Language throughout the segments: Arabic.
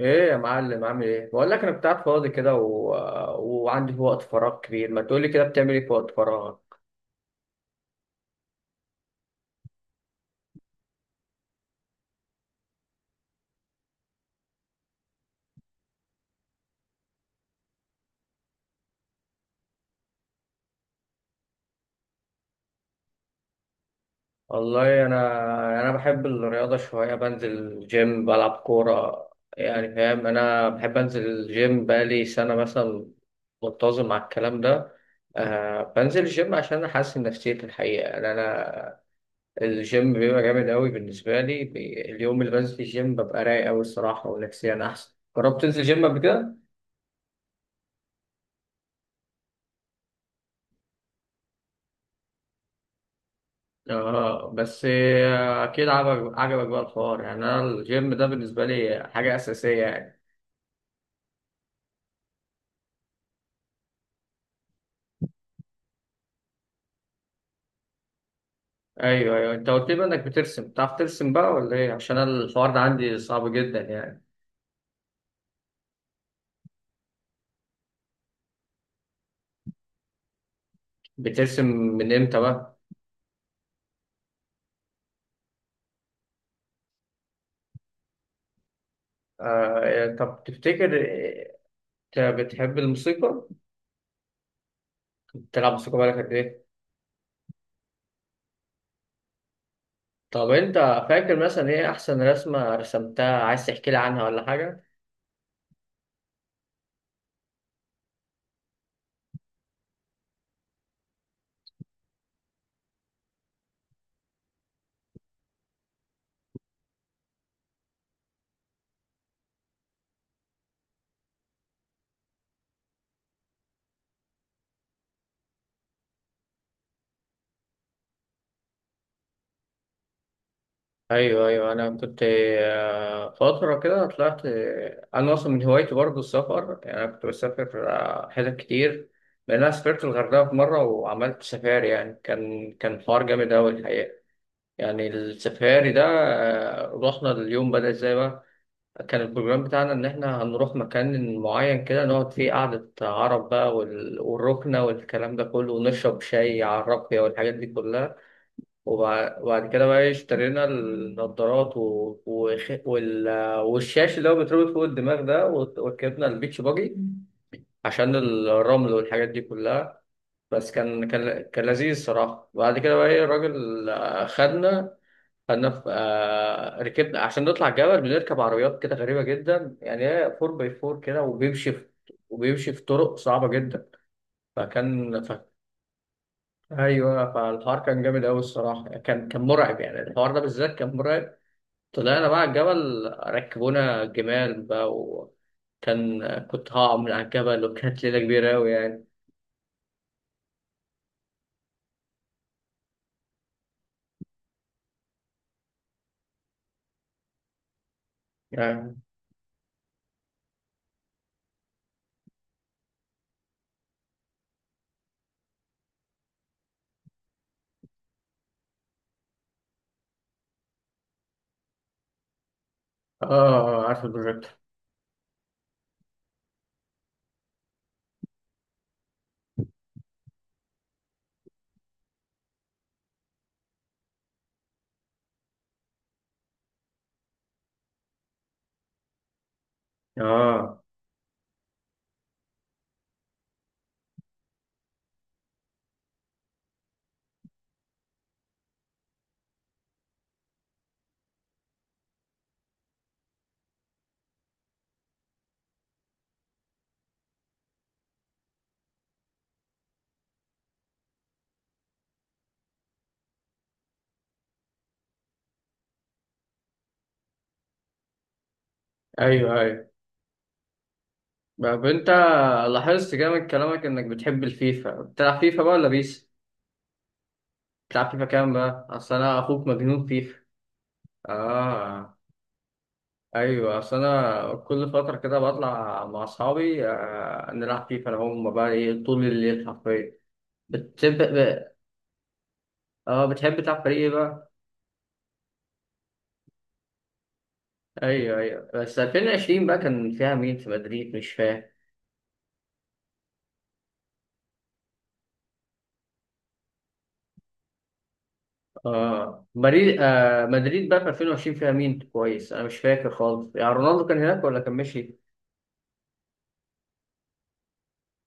ايه يا معلم؟ عامل ايه؟ بقول لك انا كنت قاعد فاضي كده وعندي وقت فراغ كبير. ما تقولي كده، بتعمل ايه في وقت فراغك؟ والله انا بحب الرياضه شويه، بنزل جيم، بلعب كوره، يعني فاهم. انا بحب انزل الجيم بقالي سنه مثلا، منتظم على الكلام ده. آه بنزل الجيم عشان احسن نفسيتي الحقيقه. يعني انا الجيم بيبقى جامد قوي بالنسبه لي. اليوم اللي بنزل الجيم ببقى رايق قوي الصراحه، ونفسيا احسن. جربت تنزل جيم قبل كده؟ اه بس اكيد عجبك بقى الحوار. يعني انا الجيم ده بالنسبه لي حاجه اساسيه يعني. ايوه ايوه، انت قلت لي بقى انك بترسم. بتعرف ترسم بقى ولا ايه؟ عشان أنا الحوار ده عندي صعب جدا يعني. بترسم من امتى بقى؟ آه طب تفتكر. انت بتحب الموسيقى؟ بتلعب موسيقى بقالك قد ايه؟ طب انت فاكر مثلا ايه احسن رسمه رسمتها؟ عايز تحكي لي عنها ولا حاجه؟ ايوه ايوه انا كنت فتره كده طلعت. انا اصلا من هوايتي برضه السفر. يعني انا كنت بسافر حتت كتير. لان انا سافرت الغردقه في مره وعملت سفاري. يعني كان حوار جامد قوي الحقيقه، يعني السفاري ده. رحنا، اليوم بدأ ازاي بقى؟ كان البروجرام بتاعنا ان احنا هنروح مكان معين كده نقعد فيه قعده عرب بقى، والركنه والكلام ده كله، ونشرب شاي على الرقيه والحاجات دي كلها. وبعد كده بقى اشترينا النضارات وخ... وال... والشاش اللي هو بيتربط فوق الدماغ ده، وركبنا البيتش باجي عشان الرمل والحاجات دي كلها. بس كان لذيذ الصراحة. بعد كده بقى ايه، الراجل خدنا. خدنا في آه، ركبنا عشان نطلع الجبل. بنركب عربيات كده غريبة جدا، يعني هي 4 باي 4 كده، وبيمشي في طرق صعبة جدا. فكان ف... ايوه، فالحوار كان جامد قوي الصراحه. كان مرعب، يعني الحوار ده بالذات كان مرعب. طلعنا بقى على الجبل، ركبونا جمال بقى، كنت هقع من على الجبل، وكانت ليلة كبيرة أوي يعني. يعني آه، عارف البروجيكت. آه أيوه أيوه. طب أنت لاحظت كده من كلامك إنك بتحب الفيفا. بتلعب فيفا بقى ولا بيس؟ بتلعب فيفا كام بقى؟ أصل أنا أخوك مجنون فيفا. آه أيوه، أصل أنا كل فترة كده بطلع مع أصحابي نلعب فيفا، أنا هم بقى إيه، طول الليل حرفيا. بتحب اه بتحب تلعب فريق إيه بقى؟ ايوه ايوه، بس 2020 بقى كان فيها مين في مدريد؟ مش فاهم. اه مدريد، بقى في 2020 فيها مين؟ كويس، انا مش فاكر خالص، يعني رونالدو كان هناك ولا كان مشي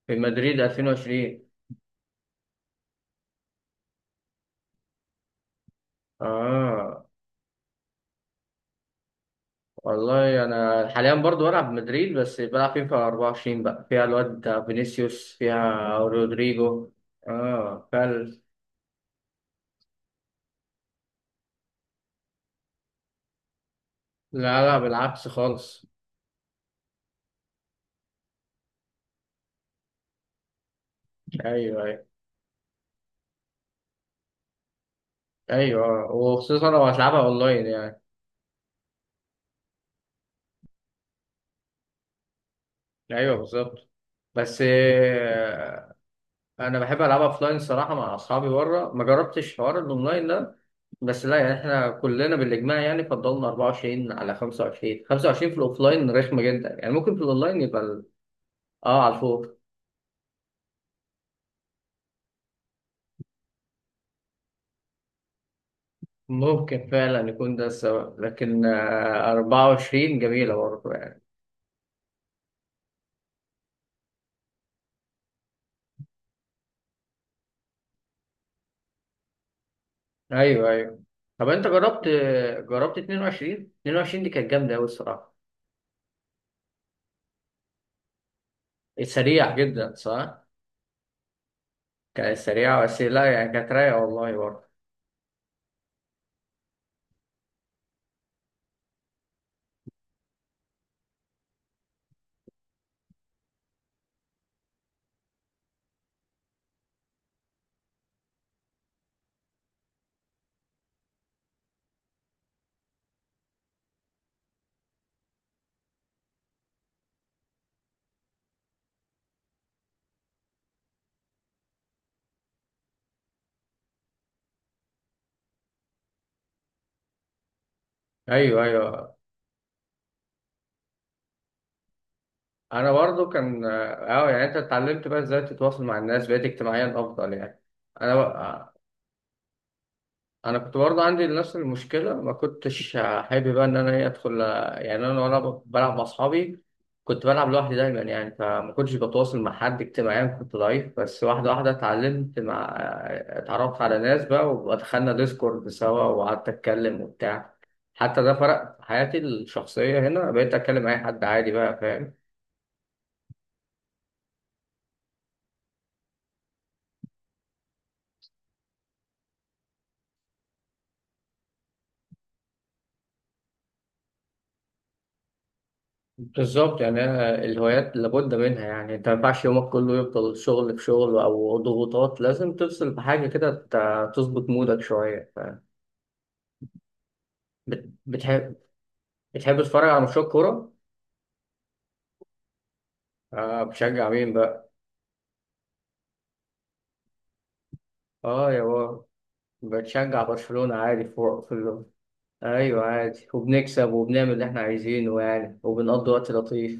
في مدريد 2020؟ اه والله انا حاليا برضو بلعب مدريد، بس بلعب فيفا 24 بقى، فيها الواد فينيسيوس، فيها رودريجو. اه فال لا لا، بالعكس خالص. ايوه ايوه. ايوه، وخصوصا لو هتلعبها اونلاين يعني. ايوه بالظبط. بس انا بحب العبها اوفلاين صراحه مع اصحابي بره، ما جربتش حوار الاونلاين ده. بس لا، يعني احنا كلنا بالاجماع يعني فضلنا 24 على 25. 25 في الاوفلاين رخمه جدا يعني، ممكن في الاونلاين يبقى اه على الفوق. ممكن فعلا يكون ده السبب، لكن آه 24 جميله برضه يعني. ايوه ايوه. طب انت جربت، 22؟ 22 دي كانت جامده قوي الصراحه. سريع جدا صح. كانت سريعه، بس لا يعني كانت رايقه والله برضه. ايوه ايوه. انا برضو كان اه، يعني انت اتعلمت بقى ازاي تتواصل مع الناس، بقيت اجتماعيا افضل يعني؟ انا بقى، انا كنت برضو عندي نفس المشكله. ما كنتش حابب بقى ان انا ايه ادخل يعني. انا بلعب مع اصحابي كنت بلعب لوحدي دايما يعني، فما كنتش بتواصل مع حد، اجتماعيا كنت ضعيف. بس واحده واحده اتعلمت، مع اتعرفت على ناس بقى ودخلنا ديسكورد سوا وقعدت اتكلم وبتاع. حتى ده فرق في حياتي الشخصيه هنا، بقيت اتكلم مع اي حد عادي بقى، فاهم. بالظبط، يعني أنا الهوايات لابد منها. يعني انت ما ينفعش يومك كله يفضل شغل في شغل او ضغوطات، لازم تفصل بحاجه كده تظبط مودك شويه. بت- بتحب بتحب تتفرج على ماتشات كوره؟ اه بتشجع مين بقى؟ اه يا بابا. بتشجع برشلونه عادي، فوق في اللون. ايوه عادي، وبنكسب وبنعمل اللي احنا عايزينه يعني، وبنقضي وقت لطيف.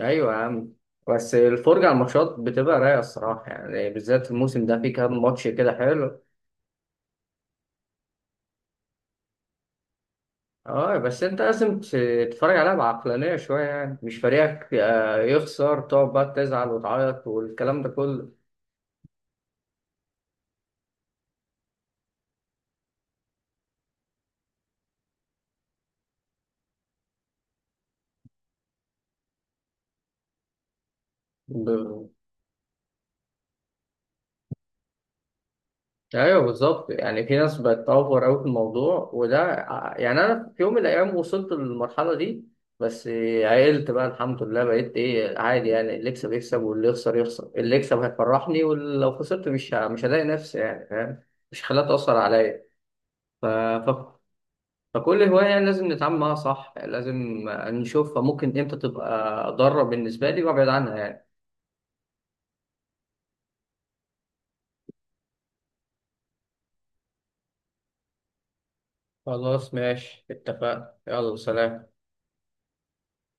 ايوه يا عم. بس الفرجه على الماتشات بتبقى رايقه الصراحه، يعني بالذات الموسم ده في كام ماتش كده حلو. اه بس انت لازم تتفرج عليها بعقلانية شوية، يعني مش فريقك يخسر تقعد بقى تزعل وتعيط والكلام ده كله. ب... ايوه بالظبط، يعني في ناس بقت اوفر اوي في الموضوع، يعني انا في يوم من الايام وصلت للمرحلة دي. بس عقلت بقى الحمد لله، بقيت ايه عادي يعني، اللي يكسب يكسب واللي يخسر يخسر. اللي يكسب هيفرحني، ولو خسرت مش هضايق نفسي يعني، فاهم، مش هخليها تأثر عليا. ف... فكل هواية لازم نتعامل معاها صح، لازم نشوفها ممكن امتى تبقى ضارة بالنسبة لي وابعد عنها يعني. خلاص ماشي، اتفقنا، يلا سلام.